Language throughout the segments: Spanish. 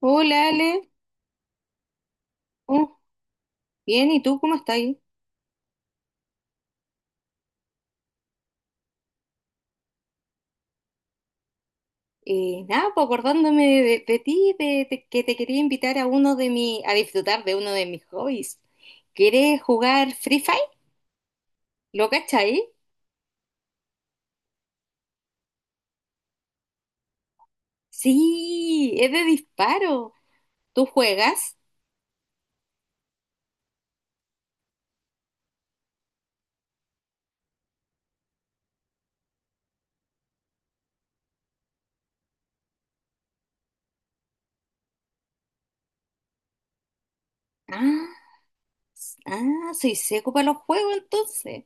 Hola Ale. Uh, bien, ¿y tú cómo estás? Nada, pues acordándome de ti, de, que te quería invitar a uno de mi, a disfrutar de uno de mis hobbies. ¿Quieres jugar Free Fire? ¿Lo cachai? Sí, es de disparo. ¿Tú juegas? Ah, soy seco para los juegos entonces.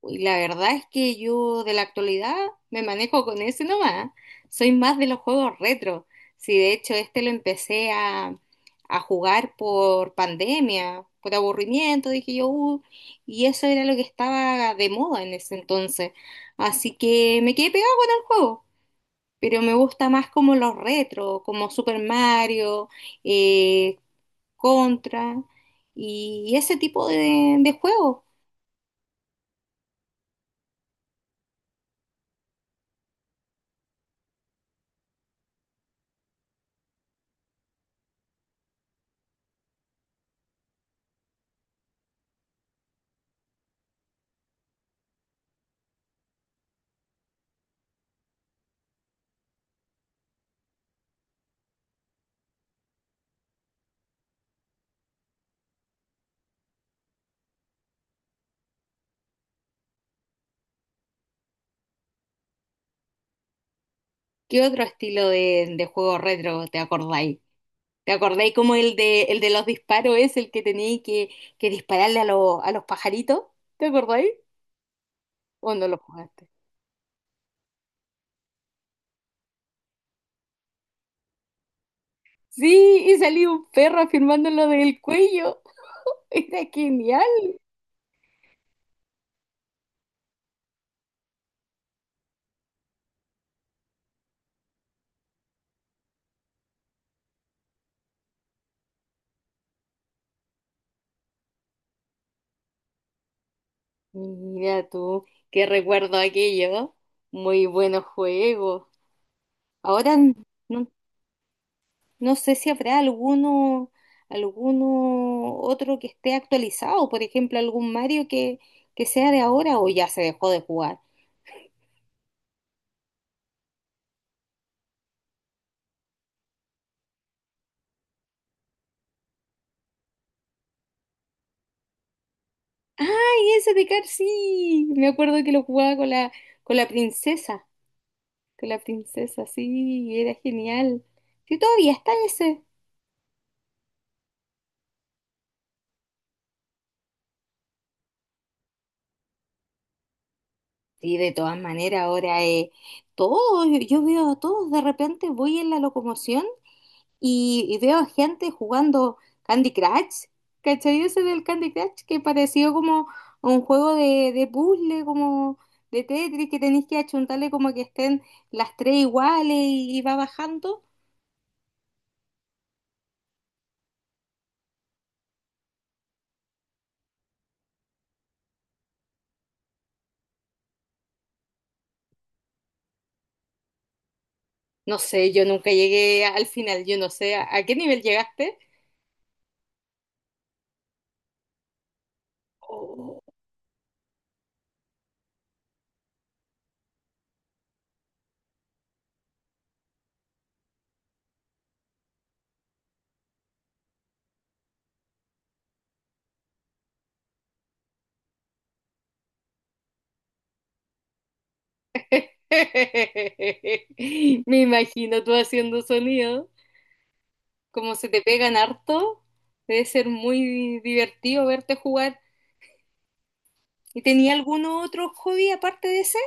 Uy, la verdad es que yo de la actualidad me manejo con ese nomás. Soy más de los juegos retro. Sí, de hecho, este lo empecé a jugar por pandemia, por aburrimiento, dije yo, y eso era lo que estaba de moda en ese entonces. Así que me quedé pegado con el juego. Pero me gusta más como los retro, como Super Mario, eh, Contra y ese tipo de juegos. ¿Qué otro estilo de juego retro te acordáis? ¿Te acordáis como el de los disparos es el que teníais que dispararle a los pajaritos? ¿Te acordáis? ¿O no lo jugaste? Sí, y salió un perro afirmándolo del cuello. Era genial. Mira tú, qué recuerdo aquello. Muy buenos juegos. Ahora n- no. No sé si habrá alguno, alguno otro que esté actualizado, por ejemplo, algún Mario que sea de ahora o ya se dejó de jugar. ¡Ay, ese de Car sí! Me acuerdo que lo jugaba con la princesa, con la princesa, sí, era genial. Sí, todavía está ese. Sí, de todas maneras, ahora todos, yo veo a todos, de repente voy en la locomoción. Y veo gente jugando Candy Crush, ¿cachai? Ese del Candy Crush que pareció como un juego de puzzle, como de Tetris, que tenéis que achuntarle como que estén las tres iguales y va bajando. No sé, yo nunca llegué al final, yo no sé, a qué nivel llegaste? Oh. Me imagino tú haciendo sonido, como se te pegan harto, debe ser muy divertido verte jugar. ¿Y tenía algún otro hobby aparte de ese?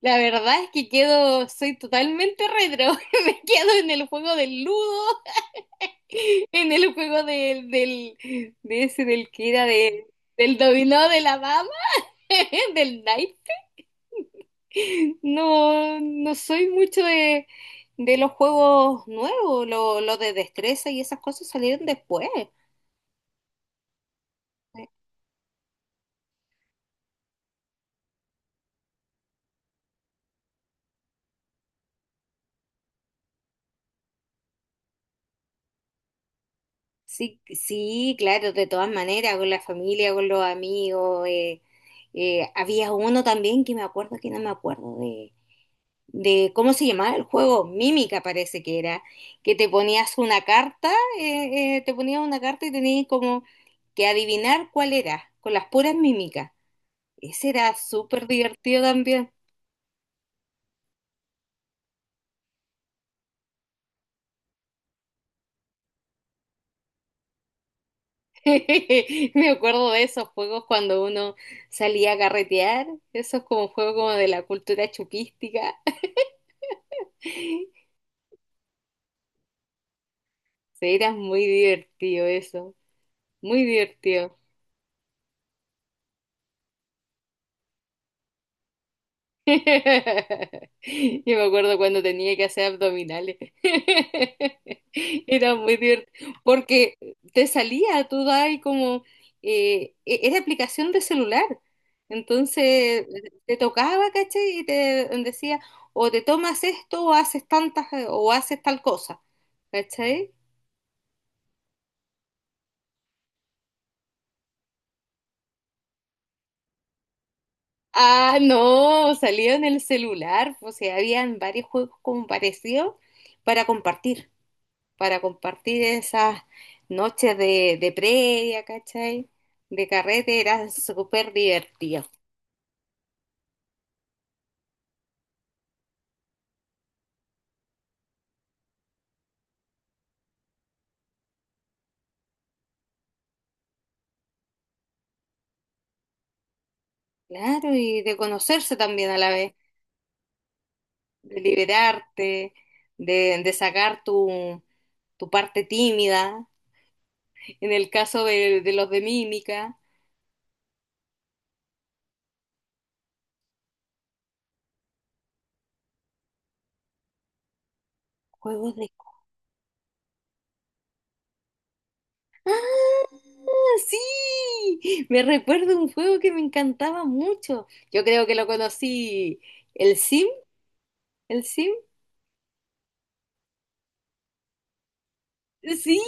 La verdad es que quedo, soy totalmente retro, me quedo en el juego del ludo, en el juego de ese del que era de, del dominó de la mama, del knight. No, no soy mucho de los juegos nuevos, lo de destreza y esas cosas salieron después. Sí, sí, claro, de todas maneras, con la familia, con los amigos. Había uno también que me acuerdo que no me acuerdo de. ¿Cómo se llamaba el juego? Mímica parece que era, que te ponías una carta, te ponías una carta y tenías como que adivinar cuál era, con las puras mímicas. Ese era súper divertido también. Me acuerdo de esos juegos cuando uno salía a carretear, esos como juegos como de la cultura chupística. Sí, era muy divertido eso, muy divertido. Yo me acuerdo cuando tenía que hacer abdominales. Era muy divertido. Porque te salía, tú dabas como... era aplicación de celular. Entonces te tocaba, ¿cachai? Y te decía, o te tomas esto, o haces tantas, o haces tal cosa. ¿Cachai? Ah, no, salía en el celular. O sea, habían varios juegos como parecidos para compartir. Para compartir esas noches de previa, ¿cachai? De carrete era súper divertido. Claro, y de conocerse también a la vez, de liberarte, de sacar tu parte tímida, en el caso de los de mímica, juegos de... ¡Ah, sí! Me recuerdo un juego que me encantaba mucho. Yo creo que lo conocí, el Sim, el Sim. Sí,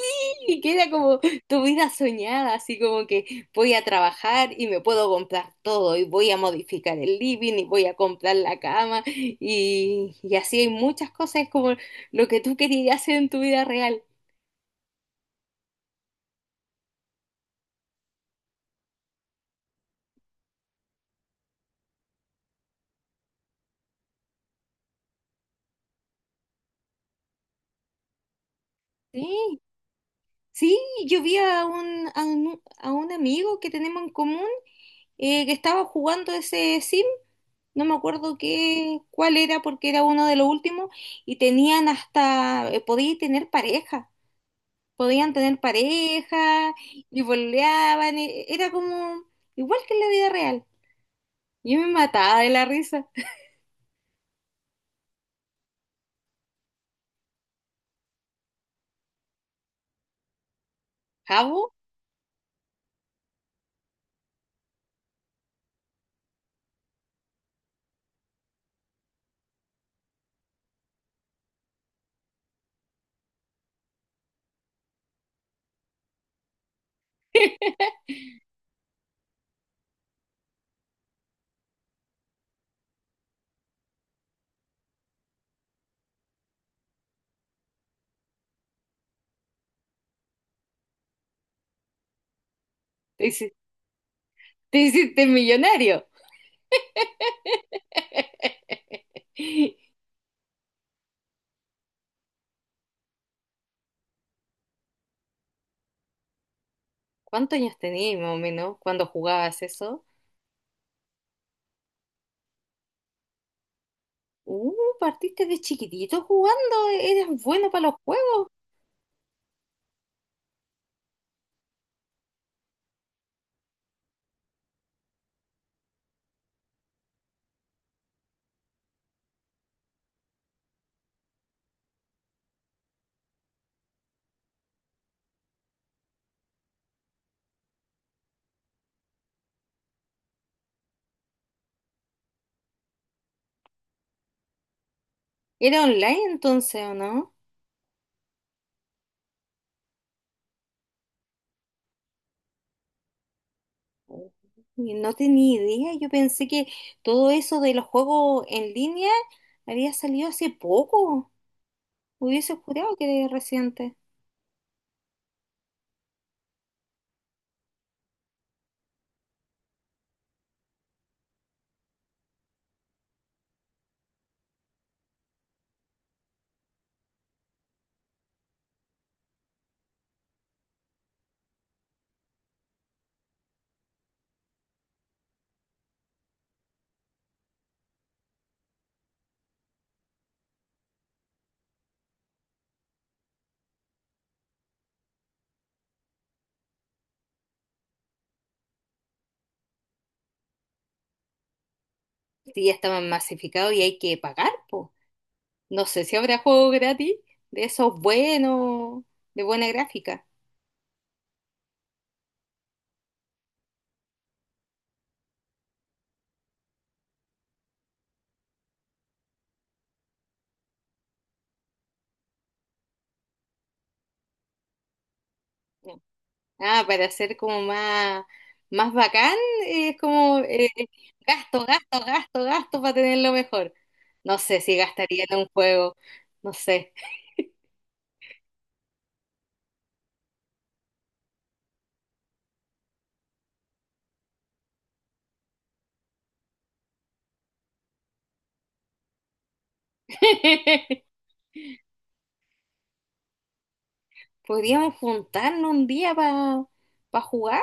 que era como tu vida soñada, así como que voy a trabajar y me puedo comprar todo y voy a modificar el living y voy a comprar la cama y así hay muchas cosas como lo que tú querías hacer en tu vida real. Sí, sí, yo vi a un, a un amigo que tenemos en común que estaba jugando ese sim, no me acuerdo qué, cuál era porque era uno de los últimos y tenían hasta, podía tener pareja. Podían tener pareja y boleaban, era como igual que en la vida real. Yo me mataba de la risa. Jabo, te hici- te hiciste millonario. ¿Cuántos años tenías más o menos cuando jugabas eso? Uh, partiste de chiquitito jugando, eras bueno para los juegos. ¿Era online entonces o no? Uh, no tenía idea, yo pensé que todo eso de los juegos en línea había salido hace poco. Hubiese jurado que era reciente. Sí, ya está masificado y hay que pagar, po. No sé si habrá juegos gratis de esos buenos, de buena gráfica. No. Ah, para hacer como más, más bacán, es como gasto, gasto, gasto, gasto para tenerlo mejor. No sé si gastaría en un juego, no sé. Podríamos juntarnos un día para jugar.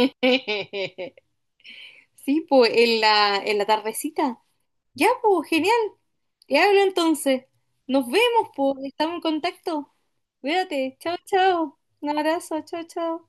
Sí, pues en la tardecita. Ya, pues, genial. Te hablo entonces. Nos vemos, pues. Estamos en contacto. Cuídate. Chao, chao. Un abrazo. Chao, chao.